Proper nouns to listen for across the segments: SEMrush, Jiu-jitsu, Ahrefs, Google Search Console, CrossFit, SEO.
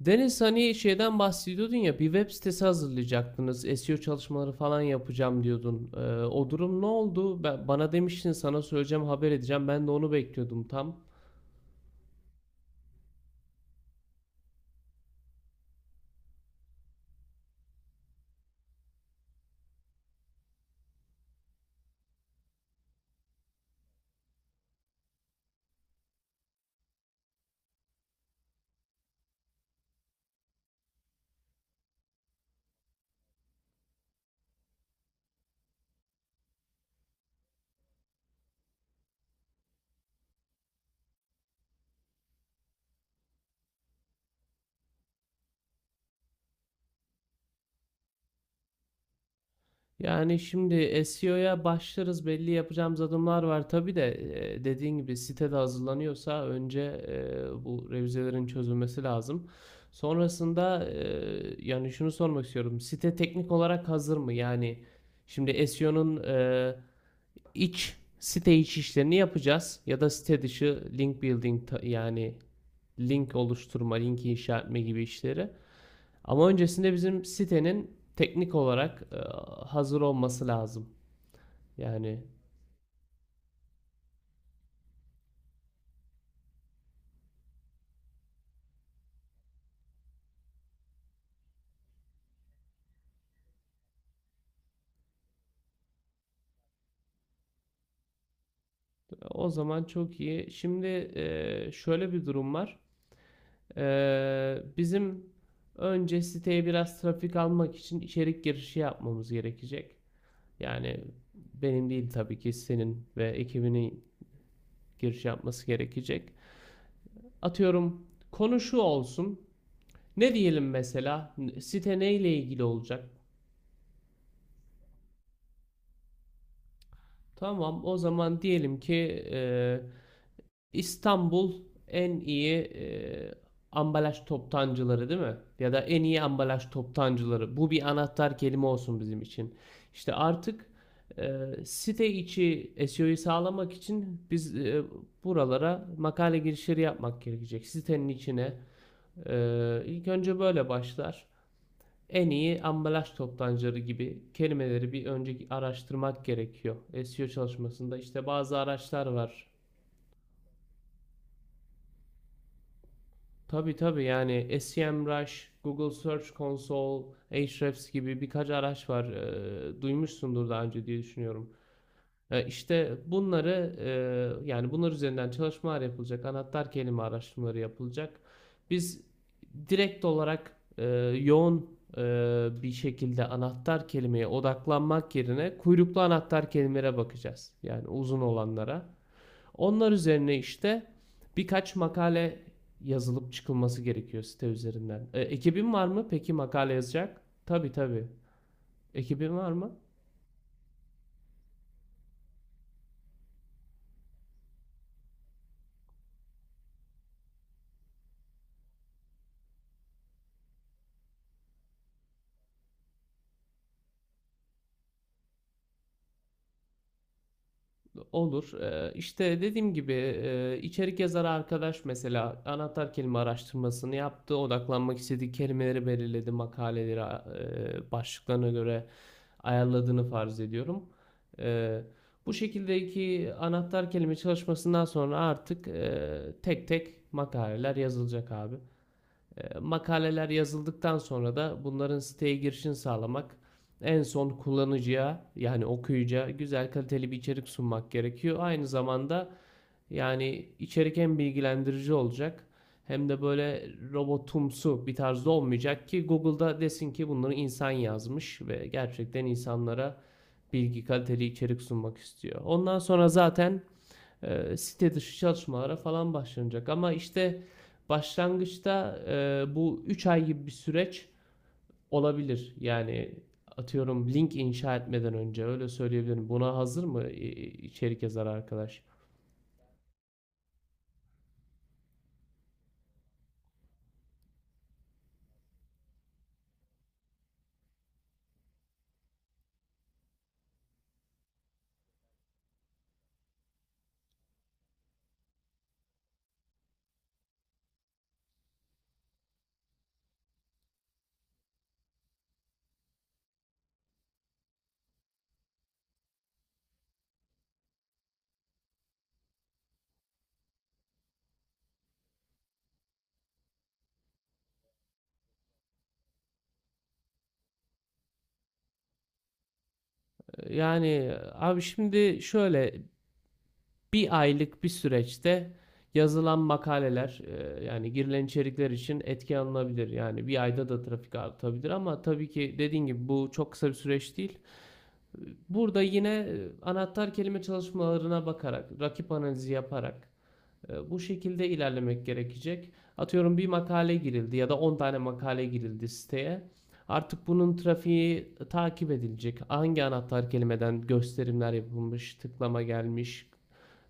Deniz hani şeyden bahsediyordun ya, bir web sitesi hazırlayacaktınız. SEO çalışmaları falan yapacağım diyordun. O durum ne oldu? Bana demiştin sana söyleyeceğim, haber edeceğim. Ben de onu bekliyordum tam. Yani şimdi SEO'ya başlarız, belli yapacağımız adımlar var. Tabii de dediğin gibi sitede hazırlanıyorsa önce bu revizelerin çözülmesi lazım. Sonrasında e, Yani şunu sormak istiyorum. Site teknik olarak hazır mı? Yani şimdi iç içi işlerini yapacağız. Ya da site dışı link building, yani link oluşturma, link inşa etme gibi işleri. Ama öncesinde bizim sitenin teknik olarak hazır olması lazım. Yani o zaman çok iyi. Şöyle bir durum var. E, Bizim önce siteye biraz trafik almak için içerik girişi yapmamız gerekecek. Yani benim değil, tabii ki senin ve ekibinin giriş yapması gerekecek. Atıyorum konu şu olsun. Ne diyelim mesela? Site neyle ilgili olacak? Tamam, o zaman diyelim ki e, İstanbul en iyi ambalaj toptancıları, değil mi? Ya da en iyi ambalaj toptancıları. Bu bir anahtar kelime olsun bizim için. İşte artık e, site içi SEO'yu sağlamak için buralara makale girişleri yapmak gerekecek. Sitenin içine. İlk önce böyle başlar. En iyi ambalaj toptancıları gibi kelimeleri bir önceki araştırmak gerekiyor. SEO çalışmasında işte bazı araçlar var. Tabi tabi, yani SEMrush, Google Search Console, Ahrefs gibi birkaç araç var. Duymuşsundur daha önce diye düşünüyorum. İşte bunları, yani bunlar üzerinden çalışmalar yapılacak, anahtar kelime araştırmaları yapılacak. Biz direkt olarak yoğun bir şekilde anahtar kelimeye odaklanmak yerine kuyruklu anahtar kelimelere bakacağız. Yani uzun olanlara. Onlar üzerine işte birkaç makale yazılıp çıkılması gerekiyor site üzerinden. Ekibin var mı peki makale yazacak? Tabii tabii. Ekibin var mı? Olur. İşte dediğim gibi, içerik yazarı arkadaş mesela anahtar kelime araştırmasını yaptı. Odaklanmak istediği kelimeleri belirledi. Makaleleri başlıklarına göre ayarladığını farz ediyorum. Ee, Bu şekildeki anahtar kelime çalışmasından sonra artık tek tek makaleler yazılacak abi. Makaleler yazıldıktan sonra da bunların siteye girişini sağlamak, en son kullanıcıya yani okuyucuya güzel, kaliteli bir içerik sunmak gerekiyor. Aynı zamanda yani içerik hem bilgilendirici olacak hem de böyle robotumsu bir tarzda olmayacak ki Google'da desin ki bunları insan yazmış ve gerçekten insanlara bilgi, kaliteli içerik sunmak istiyor. Ondan sonra zaten site dışı çalışmalara falan başlanacak. Ama işte başlangıçta bu 3 ay gibi bir süreç olabilir. Yani atıyorum, link inşa etmeden önce öyle söyleyebilirim. Buna hazır mı içerik yazarı arkadaş? Yani abi şimdi şöyle, bir aylık bir süreçte yazılan makaleler, yani girilen içerikler için etki alınabilir. Yani bir ayda da trafik artabilir ama tabii ki dediğin gibi bu çok kısa bir süreç değil. Burada yine anahtar kelime çalışmalarına bakarak, rakip analizi yaparak, bu şekilde ilerlemek gerekecek. Atıyorum bir makale girildi ya da 10 tane makale girildi siteye. Artık bunun trafiği takip edilecek. Hangi anahtar kelimeden gösterimler yapılmış, tıklama gelmiş,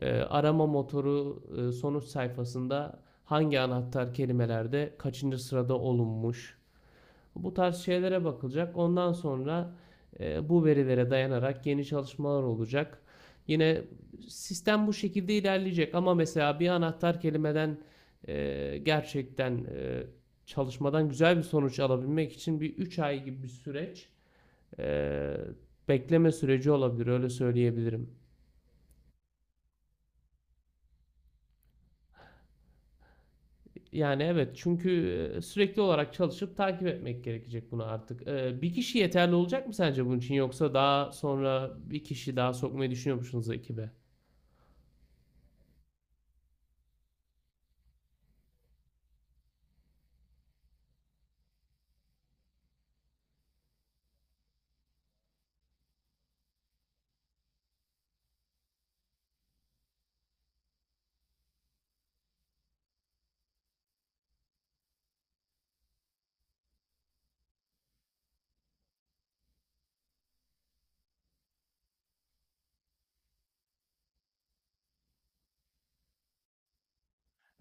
arama motoru sonuç sayfasında hangi anahtar kelimelerde kaçıncı sırada olunmuş, bu tarz şeylere bakılacak. Ondan sonra bu verilere dayanarak yeni çalışmalar olacak. Yine sistem bu şekilde ilerleyecek ama mesela bir anahtar kelimeden gerçekten çalışmadan güzel bir sonuç alabilmek için bir 3 ay gibi bir süreç e, bekleme süreci olabilir, öyle söyleyebilirim. Yani evet, çünkü sürekli olarak çalışıp takip etmek gerekecek bunu artık. Bir kişi yeterli olacak mı sence bunun için, yoksa daha sonra bir kişi daha sokmayı düşünüyor musunuz ekibe?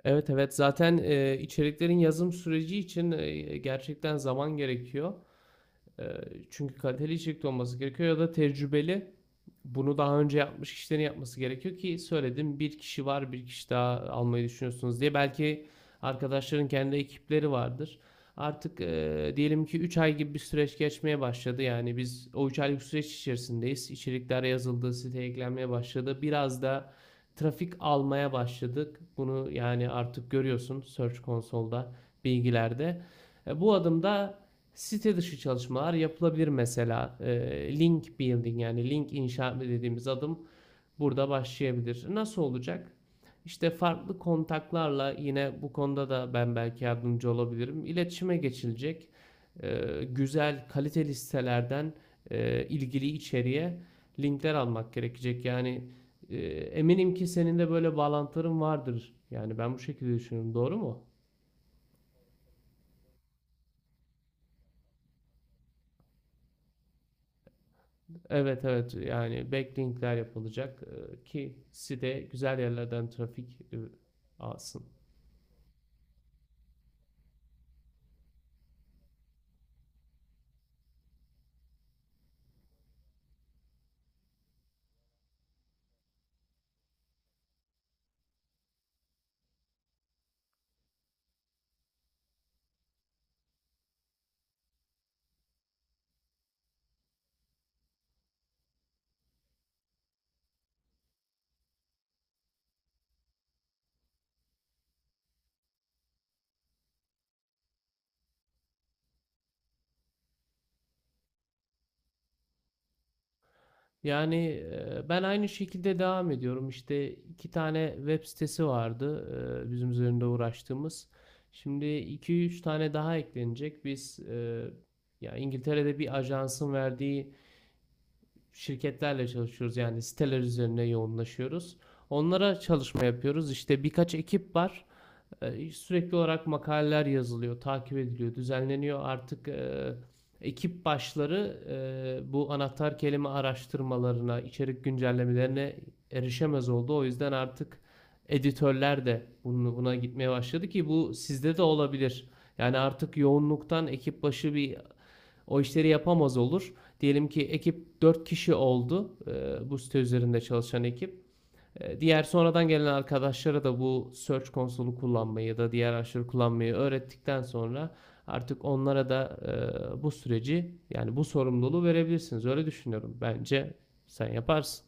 Evet evet, zaten içeriklerin yazım süreci için gerçekten zaman gerekiyor. E, Çünkü kaliteli içerik de olması gerekiyor ya da tecrübeli, bunu daha önce yapmış kişilerin yapması gerekiyor ki söyledim bir kişi var, bir kişi daha almayı düşünüyorsunuz diye. Belki arkadaşların kendi ekipleri vardır. Artık diyelim ki 3 ay gibi bir süreç geçmeye başladı. Yani biz o 3 aylık süreç içerisindeyiz. İçerikler yazıldı, siteye eklenmeye başladı. Biraz da trafik almaya başladık. Bunu yani artık görüyorsun Search Console'da, bilgilerde. Bu adımda site dışı çalışmalar yapılabilir mesela. Link building, yani link inşa dediğimiz adım burada başlayabilir. Nasıl olacak? İşte farklı kontaklarla, yine bu konuda da ben belki yardımcı olabilirim, İletişime geçilecek. Ee, Güzel, kaliteli sitelerden ilgili içeriğe linkler almak gerekecek. Yani eminim ki senin de böyle bağlantıların vardır. Yani ben bu şekilde düşünüyorum. Doğru mu? Evet evet, yani backlinkler yapılacak ki site güzel yerlerden trafik alsın. Yani ben aynı şekilde devam ediyorum. İşte iki tane web sitesi vardı bizim üzerinde uğraştığımız. Şimdi iki üç tane daha eklenecek. Ya İngiltere'de bir ajansın verdiği şirketlerle çalışıyoruz. Yani siteler üzerine yoğunlaşıyoruz. Onlara çalışma yapıyoruz. İşte birkaç ekip var. Sürekli olarak makaleler yazılıyor, takip ediliyor, düzenleniyor. Artık ekip başları bu anahtar kelime araştırmalarına, içerik güncellemelerine erişemez oldu. O yüzden artık editörler de buna gitmeye başladı ki bu sizde de olabilir. Yani artık yoğunluktan ekip başı bir o işleri yapamaz olur. Diyelim ki ekip 4 kişi oldu. Bu site üzerinde çalışan ekip. Diğer sonradan gelen arkadaşlara da bu Search konsolu kullanmayı ya da diğer araçları kullanmayı öğrettikten sonra artık onlara da bu süreci, yani bu sorumluluğu verebilirsiniz. Öyle düşünüyorum. Bence sen yaparsın.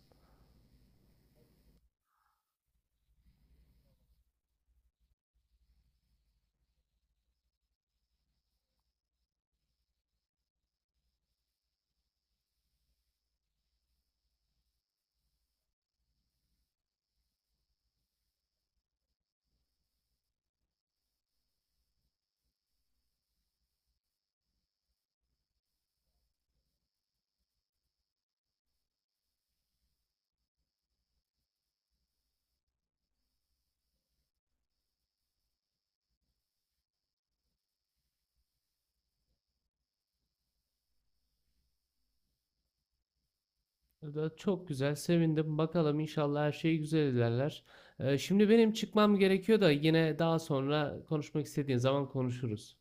Da çok güzel, sevindim. Bakalım, inşallah her şey güzel ilerler. Şimdi benim çıkmam gerekiyor da, yine daha sonra konuşmak istediğin zaman konuşuruz.